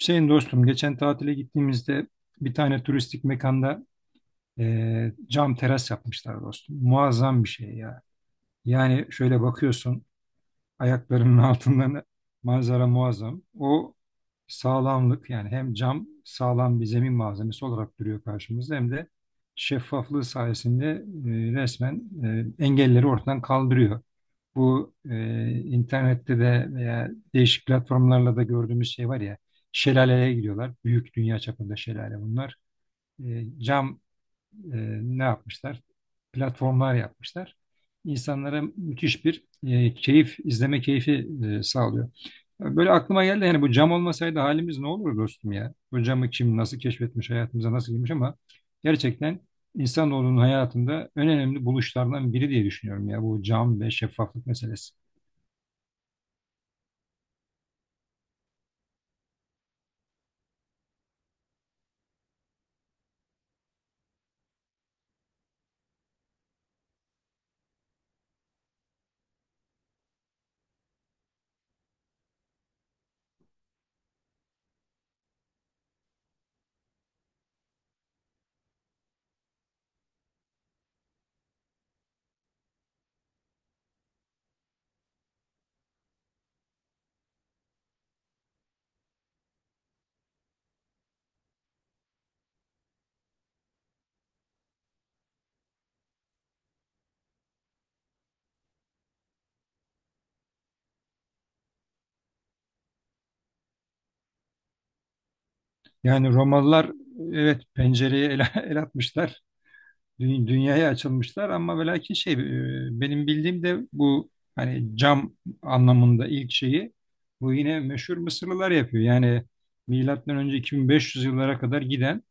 Hüseyin dostum geçen tatile gittiğimizde bir tane turistik mekanda cam teras yapmışlar dostum. Muazzam bir şey ya. Yani şöyle bakıyorsun ayaklarının altından manzara muazzam. O sağlamlık, yani hem cam sağlam bir zemin malzemesi olarak duruyor karşımızda hem de şeffaflığı sayesinde resmen engelleri ortadan kaldırıyor. Bu internette de veya değişik platformlarla da gördüğümüz şey var ya, şelaleye gidiyorlar. Büyük dünya çapında şelale bunlar. Cam e, ne yapmışlar? Platformlar yapmışlar. İnsanlara müthiş bir keyif, izleme keyfi sağlıyor. Böyle aklıma geldi, yani bu cam olmasaydı halimiz ne olur dostum ya? Bu camı kim nasıl keşfetmiş, hayatımıza nasıl girmiş ama gerçekten insanoğlunun hayatında en önemli buluşlardan biri diye düşünüyorum ya, bu cam ve şeffaflık meselesi. Yani Romalılar, evet, pencereye el atmışlar. Dünyaya açılmışlar, ama ve lakin benim bildiğim de bu, hani cam anlamında ilk şeyi bu yine meşhur Mısırlılar yapıyor. Yani milattan önce 2500 yıllara kadar giden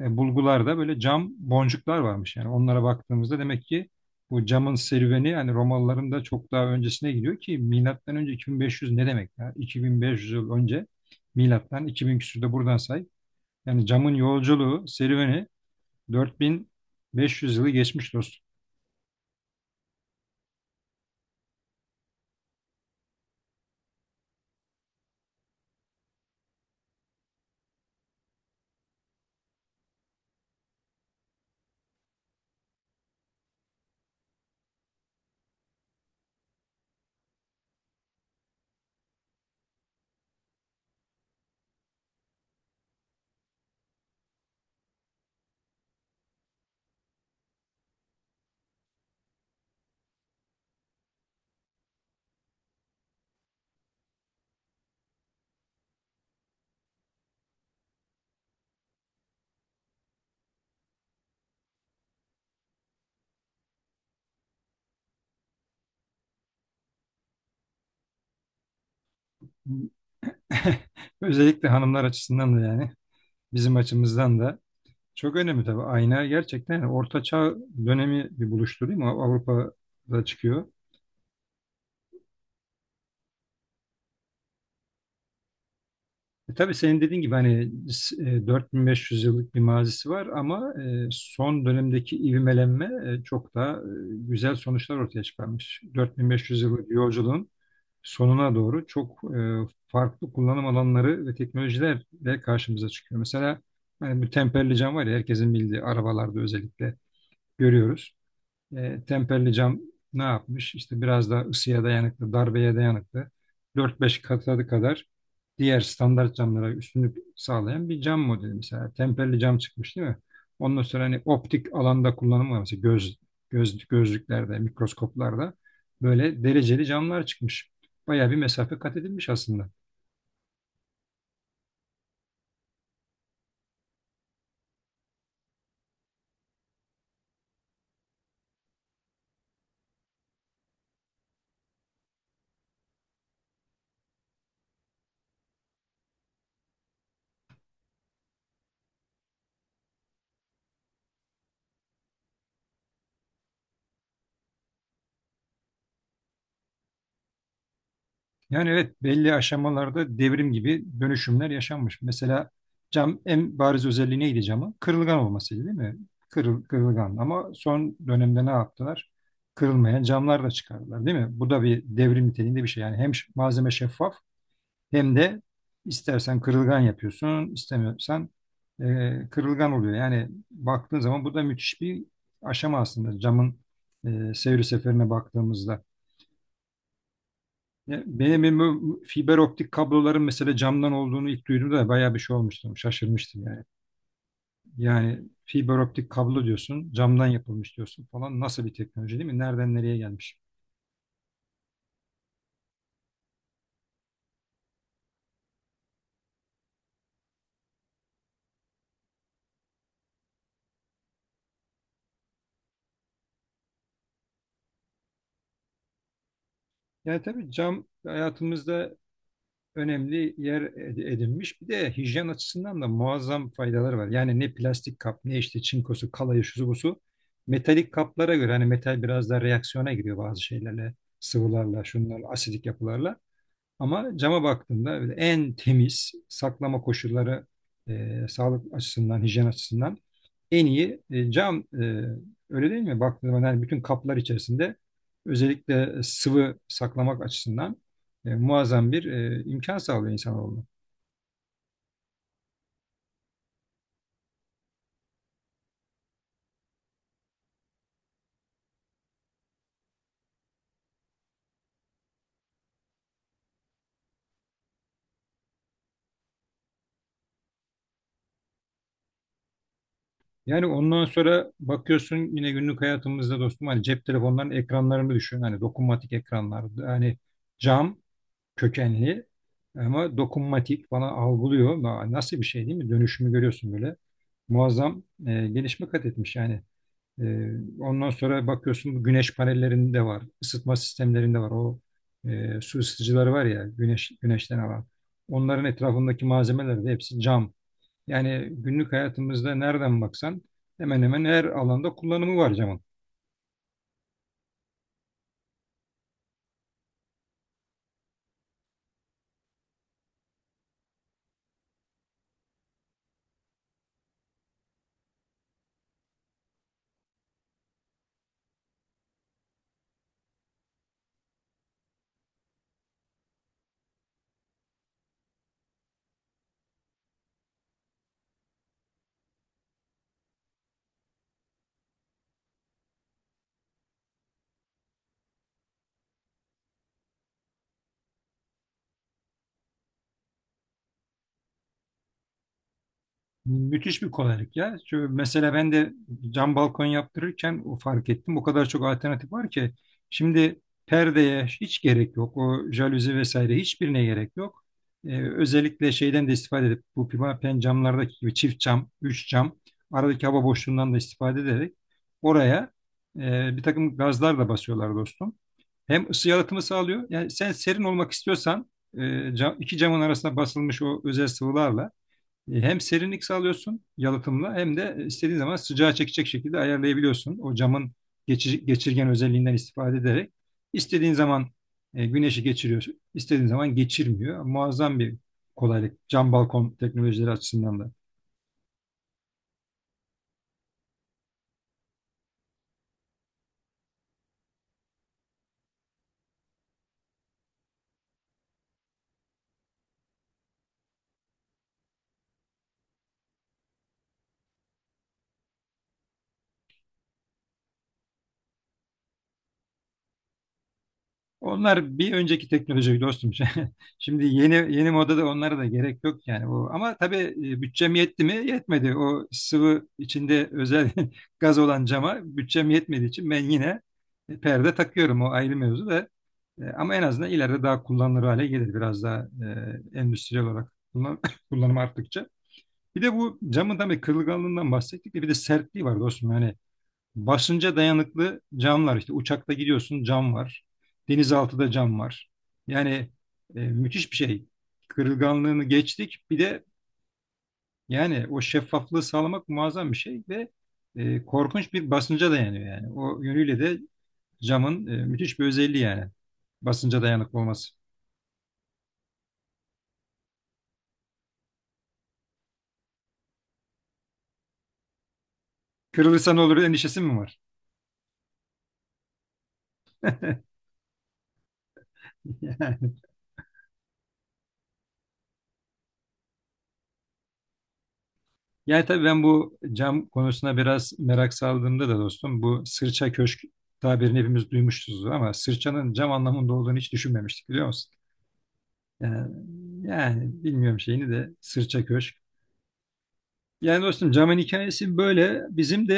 bulgularda böyle cam boncuklar varmış. Yani onlara baktığımızda demek ki bu camın serüveni hani Romalıların da çok daha öncesine gidiyor. Ki milattan önce 2500 ne demek ya? 2500 yıl önce, milattan 2000 küsürde buradan say. Yani camın yolculuğu, serüveni 4500 yılı geçmiş dostum. Özellikle hanımlar açısından da, yani bizim açımızdan da çok önemli tabii. Ayna gerçekten, yani Orta Çağ dönemi bir buluştu değil mi? Avrupa'da çıkıyor. E tabii senin dediğin gibi, hani 4500 yıllık bir mazisi var, ama son dönemdeki ivmelenme çok daha güzel sonuçlar ortaya çıkarmış. 4500 yıllık yolculuğun sonuna doğru çok farklı kullanım alanları ve teknolojilerle karşımıza çıkıyor. Mesela hani bu temperli cam var ya, herkesin bildiği, arabalarda özellikle görüyoruz. E, temperli cam ne yapmış? İşte biraz daha ısıya dayanıklı, darbeye dayanıklı. 4-5 katı kadar diğer standart camlara üstünlük sağlayan bir cam modeli mesela. Temperli cam çıkmış değil mi? Ondan sonra hani optik alanda kullanımı var. Mesela gözlüklerde, mikroskoplarda böyle dereceli camlar çıkmış. Bayağı bir mesafe kat edilmiş aslında. Yani evet, belli aşamalarda devrim gibi dönüşümler yaşanmış. Mesela cam, en bariz özelliği neydi camın? Kırılgan olmasıydı değil mi? Kırılgan, ama son dönemde ne yaptılar? Kırılmayan camlar da çıkardılar değil mi? Bu da bir devrim niteliğinde bir şey. Yani hem malzeme şeffaf hem de istersen kırılgan yapıyorsun, istemiyorsan kırılgan oluyor. Yani baktığın zaman bu da müthiş bir aşama aslında, camın seyri seferine baktığımızda. Ya, benim evime fiber optik kabloların mesela camdan olduğunu ilk duyduğumda da bayağı bir şey olmuştum. Şaşırmıştım yani. Yani fiber optik kablo diyorsun, camdan yapılmış diyorsun falan. Nasıl bir teknoloji değil mi? Nereden nereye gelmiş? Yani tabii cam hayatımızda önemli yer edinmiş. Bir de hijyen açısından da muazzam faydaları var. Yani ne plastik kap, ne işte çinkosu, kalayı, şusu busu. Metalik kaplara göre, hani metal biraz da reaksiyona giriyor bazı şeylerle, sıvılarla, şunlarla, asidik yapılarla. Ama cama baktığında böyle en temiz saklama koşulları, sağlık açısından, hijyen açısından en iyi cam, öyle değil mi? Baktığında zaman, yani bütün kaplar içerisinde özellikle sıvı saklamak açısından muazzam bir imkan sağlıyor insanoğluna. Yani ondan sonra bakıyorsun yine günlük hayatımızda dostum, hani cep telefonlarının ekranlarını düşün. Hani dokunmatik ekranlar, yani cam kökenli ama dokunmatik bana algılıyor. Nasıl bir şey değil mi? Dönüşümü görüyorsun böyle. Muazzam gelişme kat etmiş yani. E, Ondan sonra bakıyorsun, bu güneş panellerinde var, ısıtma sistemlerinde var. Su ısıtıcıları var ya, güneşten alan. Onların etrafındaki malzemeler de hepsi cam. Yani günlük hayatımızda nereden baksan hemen hemen her alanda kullanımı var camın. Müthiş bir kolaylık ya. Çünkü mesela ben de cam balkon yaptırırken o fark ettim. O kadar çok alternatif var ki. Şimdi perdeye hiç gerek yok. O jaluzi vesaire hiçbirine gerek yok. Özellikle şeyden de istifade edip, bu pimapen camlardaki gibi çift cam, üç cam, aradaki hava boşluğundan da istifade ederek oraya bir takım gazlar da basıyorlar dostum. Hem ısı yalıtımı sağlıyor. Yani sen serin olmak istiyorsan iki camın arasına basılmış o özel sıvılarla e, hem serinlik sağlıyorsun yalıtımla, hem de istediğin zaman sıcağı çekecek şekilde ayarlayabiliyorsun. O camın geçirgen özelliğinden istifade ederek istediğin zaman güneşi geçiriyorsun, istediğin zaman geçirmiyor. Muazzam bir kolaylık cam balkon teknolojileri açısından da. Onlar bir önceki teknoloji dostum. Şimdi yeni yeni modada onlara da gerek yok yani. O, ama tabii bütçem yetti mi? Yetmedi. O sıvı içinde özel gaz olan cama bütçem yetmediği için ben yine perde takıyorum. O ayrı mevzu da. Ama en azından ileride daha kullanılır hale gelir. Biraz daha endüstriyel olarak kullanım arttıkça. Bir de bu camın tabii kırılganlığından bahsettik de, bir de sertliği var dostum. Yani basınca dayanıklı camlar, işte uçakta gidiyorsun cam var. Denizaltıda cam var. Yani müthiş bir şey. Kırılganlığını geçtik. Bir de, yani o şeffaflığı sağlamak muazzam bir şey ve korkunç bir basınca dayanıyor yani. O yönüyle de camın müthiş bir özelliği yani. Basınca dayanıklı olması. Kırılırsa ne olur endişesi mi var? Yani tabii ben bu cam konusuna biraz merak saldığımda da dostum, bu sırça köşk tabirini hepimiz duymuşuzdur, ama sırçanın cam anlamında olduğunu hiç düşünmemiştik, biliyor musun? Yani, yani bilmiyorum şeyini de, sırça köşk. Yani dostum camın hikayesi böyle. Bizim de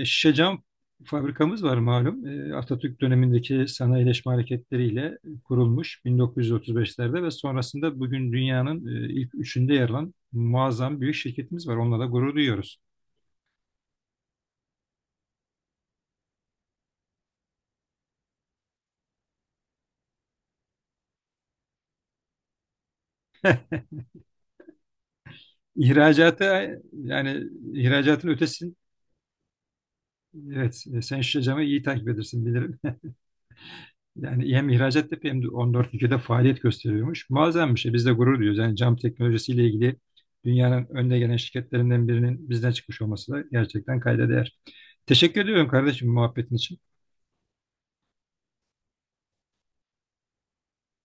şişe cam fabrikamız var malum. E, Atatürk dönemindeki sanayileşme hareketleriyle kurulmuş 1935'lerde ve sonrasında bugün dünyanın ilk üçünde yer alan muazzam büyük şirketimiz var. Onunla da gurur duyuyoruz. İhracata, yani ihracatın ötesi, evet, sen Şişecam'ı iyi takip edersin bilirim. Yani hem ihracat yapıyor hem de 14 ülkede faaliyet gösteriyormuş. Muazzam bir şey. Biz de gurur duyuyoruz. Yani cam teknolojisiyle ilgili dünyanın önde gelen şirketlerinden birinin bizden çıkmış olması da gerçekten kayda değer. Teşekkür ediyorum kardeşim muhabbetin için.